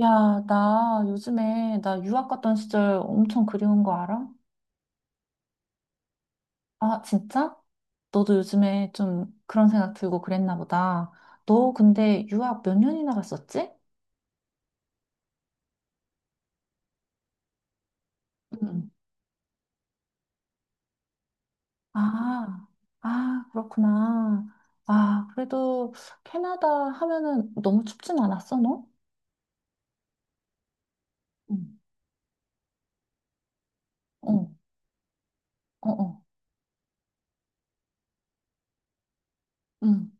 야, 나 요즘에 나 유학 갔던 시절 엄청 그리운 거 알아? 아, 진짜? 너도 요즘에 좀 그런 생각 들고 그랬나 보다. 너 근데 유학 몇 년이나 갔었지? 응. 아, 아, 그렇구나. 아, 그래도 캐나다 하면은 너무 춥진 않았어, 너? 응. 어, 어, 어. 응.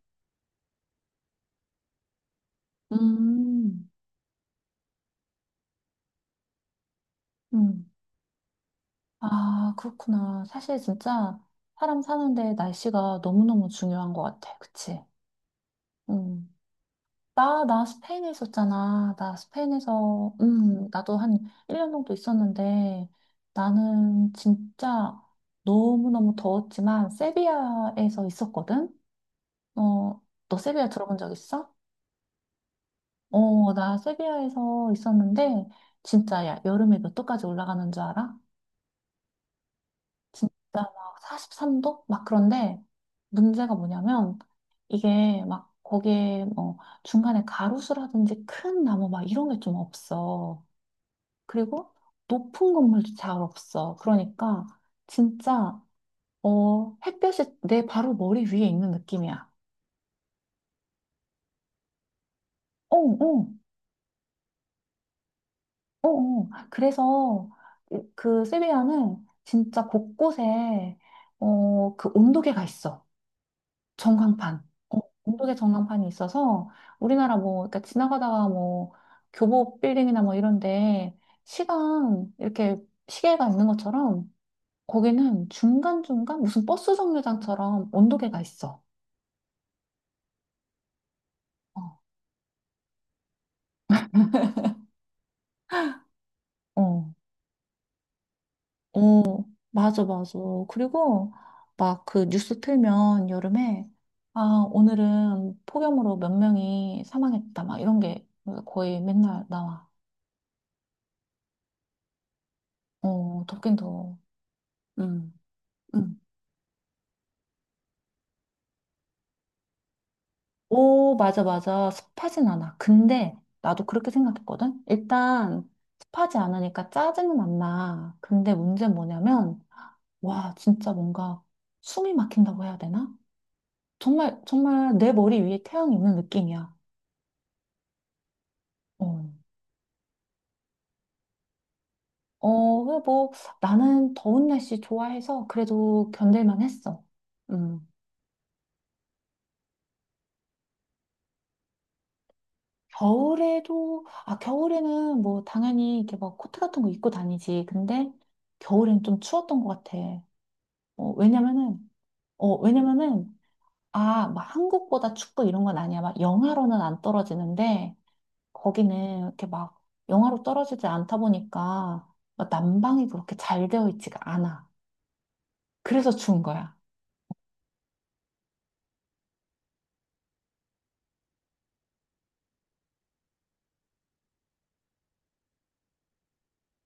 음, 음. 아, 그렇구나. 사실 진짜 사람 사는데 날씨가 너무너무 중요한 것 같아. 그치? 음. 나 스페인에 있었잖아. 나 스페인에서, 나도 한 1년 정도 있었는데, 나는 진짜 너무너무 더웠지만, 세비야에서 있었거든? 어, 너 세비야 들어본 적 있어? 어, 나 세비야에서 있었는데, 진짜 야, 여름에 몇 도까지 올라가는 줄 알아? 진짜 막 43도? 막 그런데 문제가 뭐냐면 이게 막 거기에 뭐 중간에 가로수라든지 큰 나무 막 이런 게 좀 없어. 그리고 높은 건물도 잘 없어. 그러니까 진짜 햇볕이 내 바로 머리 위에 있는 느낌이야. 어, 어, 어, 어. 그래서 그 세비야는 진짜 곳곳에 그 온도계가 있어. 전광판. 어, 언덕에 전광판이 있어서 우리나라 뭐, 그러니까 지나가다가 뭐, 교보 빌딩이나 뭐 이런데 시간, 이렇게 시계가 있는 것처럼 거기는 중간중간 무슨 버스 정류장처럼 언덕에가 있어. 어, 어, 어, 맞아, 맞아. 그리고 막 그 뉴스 틀면 여름에 아, 오늘은 폭염으로 몇 명이 사망했다. 막 이런 게 거의 맨날 나와. 어, 덥긴 더워. 응 응. 오, 맞아, 맞아. 습하진 않아. 근데 나도 그렇게 생각했거든? 일단 습하지 않으니까 짜증은 안 나. 근데 문제는 뭐냐면, 와, 진짜 뭔가 숨이 막힌다고 해야 되나? 정말, 정말 내 머리 위에 태양이 있는 느낌이야. 어, 어, 그래 뭐 나는 더운 날씨 좋아해서 그래도 견딜만 했어. 음. 겨울에도, 아, 겨울에는 뭐 당연히 이렇게 막 코트 같은 거 입고 다니지. 근데 겨울엔 좀 추웠던 것 같아. 어, 왜냐면은, 어, 왜냐면은, 아, 막 한국보다 축구 이런 건 아니야. 막 영하로는 안 떨어지는데, 거기는 이렇게 막 영하로 떨어지지 않다 보니까, 막 난방이 그렇게 잘 되어 있지가 않아. 그래서 추운 거야.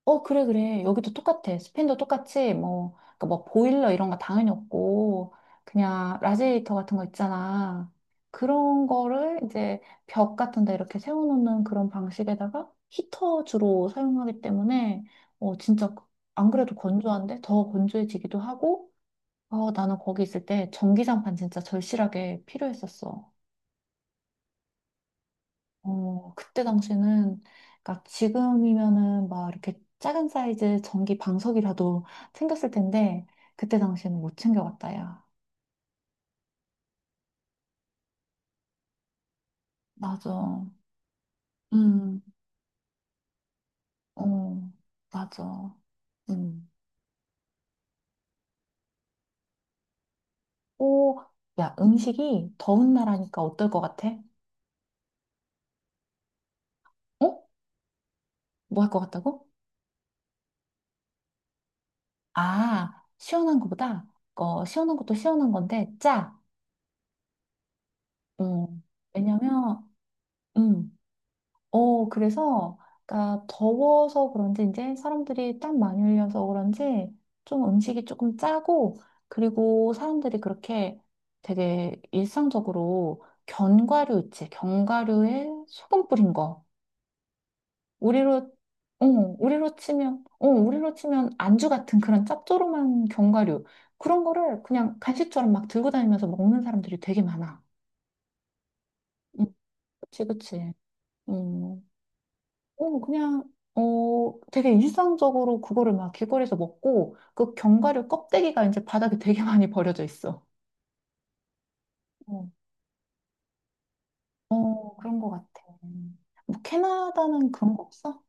어, 그래, 그래. 여기도 똑같아. 스페인도 똑같이, 뭐, 그러니까 뭐, 보일러 이런 거 당연히 없고, 그냥 라지에이터 같은 거 있잖아. 그런 거를 이제 벽 같은 데 이렇게 세워놓는 그런 방식에다가 히터 주로 사용하기 때문에, 진짜 안 그래도 건조한데 더 건조해지기도 하고, 나는 거기 있을 때 전기장판 진짜 절실하게 필요했었어. 어, 그때 당시에는, 그러니까 지금이면은 막 이렇게 작은 사이즈 전기 방석이라도 챙겼을 텐데, 그때 당시에는 못 챙겨갔다, 야. 맞아. 음, 어, 맞아. 음. 오, 야, 음식이 더운 나라니까 어떨 것 같아? 어? 뭐 할 것 같다고? 아, 시원한 거보다, 시원한 것도 시원한 건데, 짜. 음, 왜냐면, 음. 그래서, 그러니까 더워서 그런지 이제 사람들이 땀 많이 흘려서 그런지 좀 음식이 조금 짜고, 그리고 사람들이 그렇게 되게 일상적으로 견과류 있지, 견과류에 소금 뿌린 거. 우리로, 어, 우리로 치면, 우리로 치면 안주 같은 그런 짭조름한 견과류. 그런 거를 그냥 간식처럼 막 들고 다니면서 먹는 사람들이 되게 많아. 음, 그치, 그치. 음. 그냥, 되게 일상적으로 그거를 막 길거리에서 먹고, 그 견과류 껍데기가 이제 바닥에 되게 많이 버려져 있어. 어, 어, 그런 것 같아. 뭐, 캐나다는 그런 거 없어?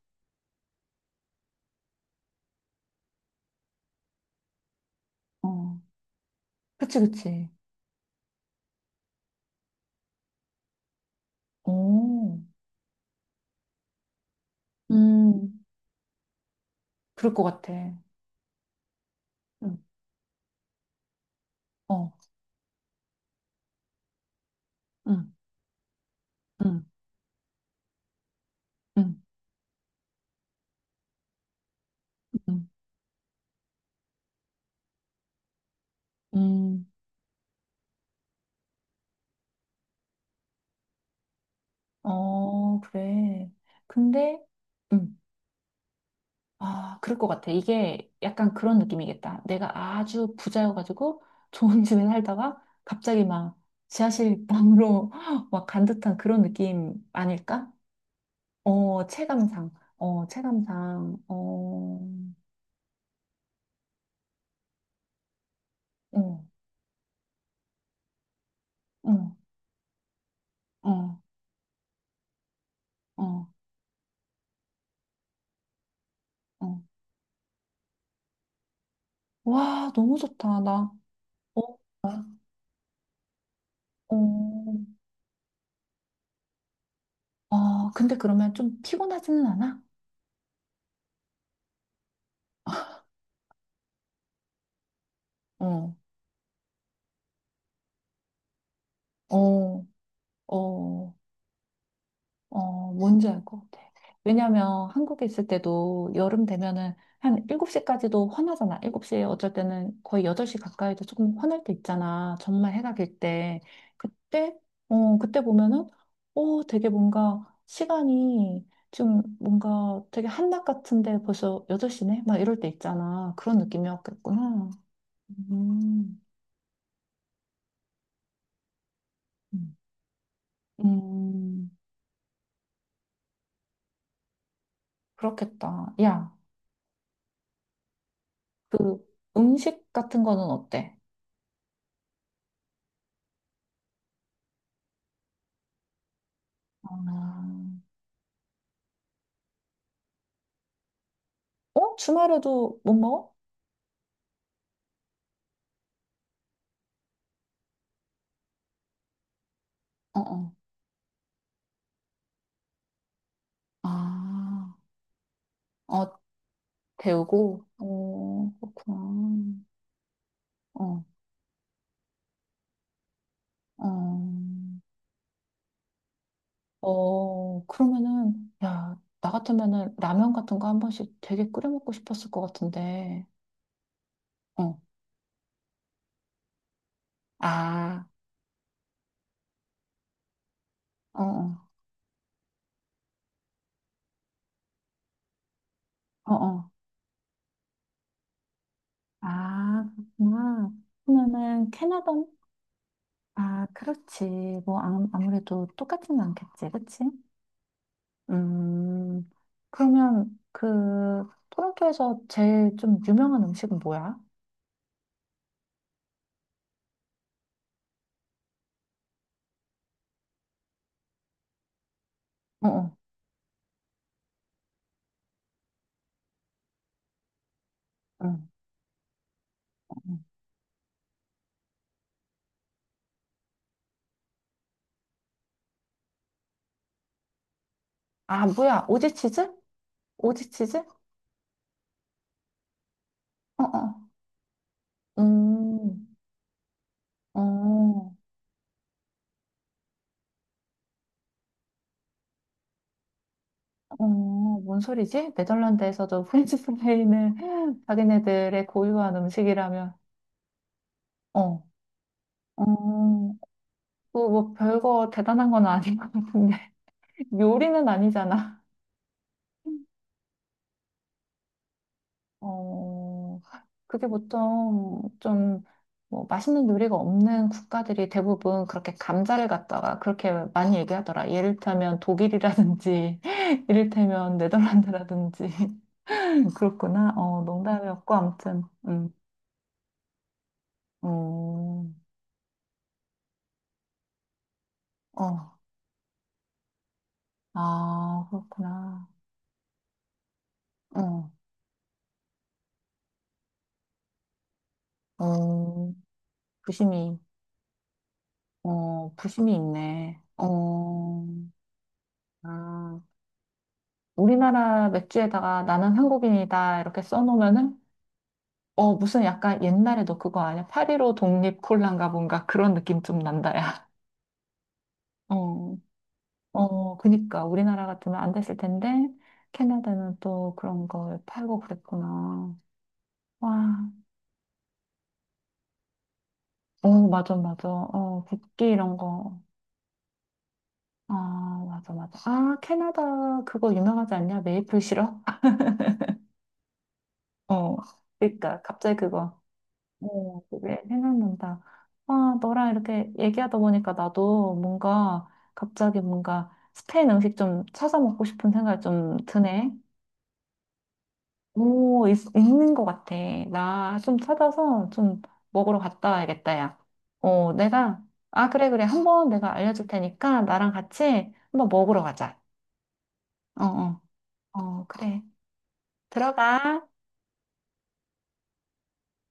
어, 그치, 그치. 오, 음, 그럴 것 같아. 응, 어, 응, 응, 응, 응, 응. 어, 그래. 근데, 응. 아, 그럴 것 같아. 이게 약간 그런 느낌이겠다. 내가 아주 부자여가지고 좋은 집에 살다가 갑자기 막 지하실 방으로 막 간 듯한 그런 느낌 아닐까? 어, 체감상. 어, 체감상. 어, 어, 어, 어, 어, 어. 와, 너무 좋다. 나, 어, 아, 어, 아, 근데 그러면 좀 피곤하지는 않아? 어, 어, 어. 어, 뭔지 알 것 같아. 왜냐면 한국에 있을 때도 여름 되면은 한 7시까지도 환하잖아. 7시에 어쩔 때는 거의 8시 가까이도 조금 환할 때 있잖아. 정말 해가 길 때. 그때, 그때 보면은, 오, 되게 뭔가 시간이 좀 뭔가 되게 한낮 같은데 벌써 8시네? 막 이럴 때 있잖아. 그런 느낌이었겠구나. 음, 음. 음, 그렇겠다. 야, 그 음식 같은 거는 어때? 아. 어? 주말에도 못 먹어? 어, 어. 아, 어, 데우고? 어, 그렇구나. 어, 어. 그러면은, 야, 나 같으면은 라면 같은 거 한 번씩 되게 끓여 먹고 싶었을 것 같은데. 어, 아, 어, 어, 어, 어. 아, 그렇구나. 그러면은 캐나다, 아, 그렇지. 뭐, 아, 아무래도 똑같진 않겠지, 그치? 음, 그러면 그 토론토에서 제일 좀 유명한 음식은 뭐야? 어, 어, 어. 어. 아, 뭐야? 오지치즈? 오지치즈? 어, 어. 음, 어, 어, 뭔 소리지? 네덜란드에서도 프렌치프레이는 자기네들의 고유한 음식이라면, 어, 어, 그뭐 별거 대단한 건 아닌 것 같은데. 요리는 아니잖아. 어, 그게 보통 좀, 뭐, 맛있는 요리가 없는 국가들이 대부분 그렇게 감자를 갖다가 그렇게 많이 얘기하더라. 예를 들면 독일이라든지, 이를테면 네덜란드라든지. 그렇구나. 어, 농담이었고, 아무튼, 어, 어, 아, 그렇구나. 어, 어, 부심이, 부심이 있네. 어, 아. 우리나라 맥주에다가 나는 한국인이다 이렇게 써놓으면은 어, 무슨 약간 옛날에 너 그거 아니야? 8.15 독립 콜라인가 뭔가 그런 느낌 좀 난다, 야. 어, 어, 그니까. 우리나라 같으면 안 됐을 텐데, 캐나다는 또 그런 걸 팔고 그랬구나. 와, 어, 맞아, 맞아. 어, 국기 이런 거. 아, 맞아, 맞아. 아, 캐나다 그거 유명하지 않냐? 메이플 시럽? 어, 그니까. 갑자기 그거. 어, 그게 생각난다. 아, 너랑 이렇게 얘기하다 보니까 나도 뭔가 갑자기 뭔가 스페인 음식 좀 찾아 먹고 싶은 생각이 좀 드네. 오, 있는 것 같아. 나 좀 찾아서 좀 먹으러 갔다 와야겠다, 야. 어, 내가, 아, 그래, 그래. 한번 내가 알려줄 테니까 나랑 같이 한번 먹으러 가자. 어, 어, 어, 그래. 들어가.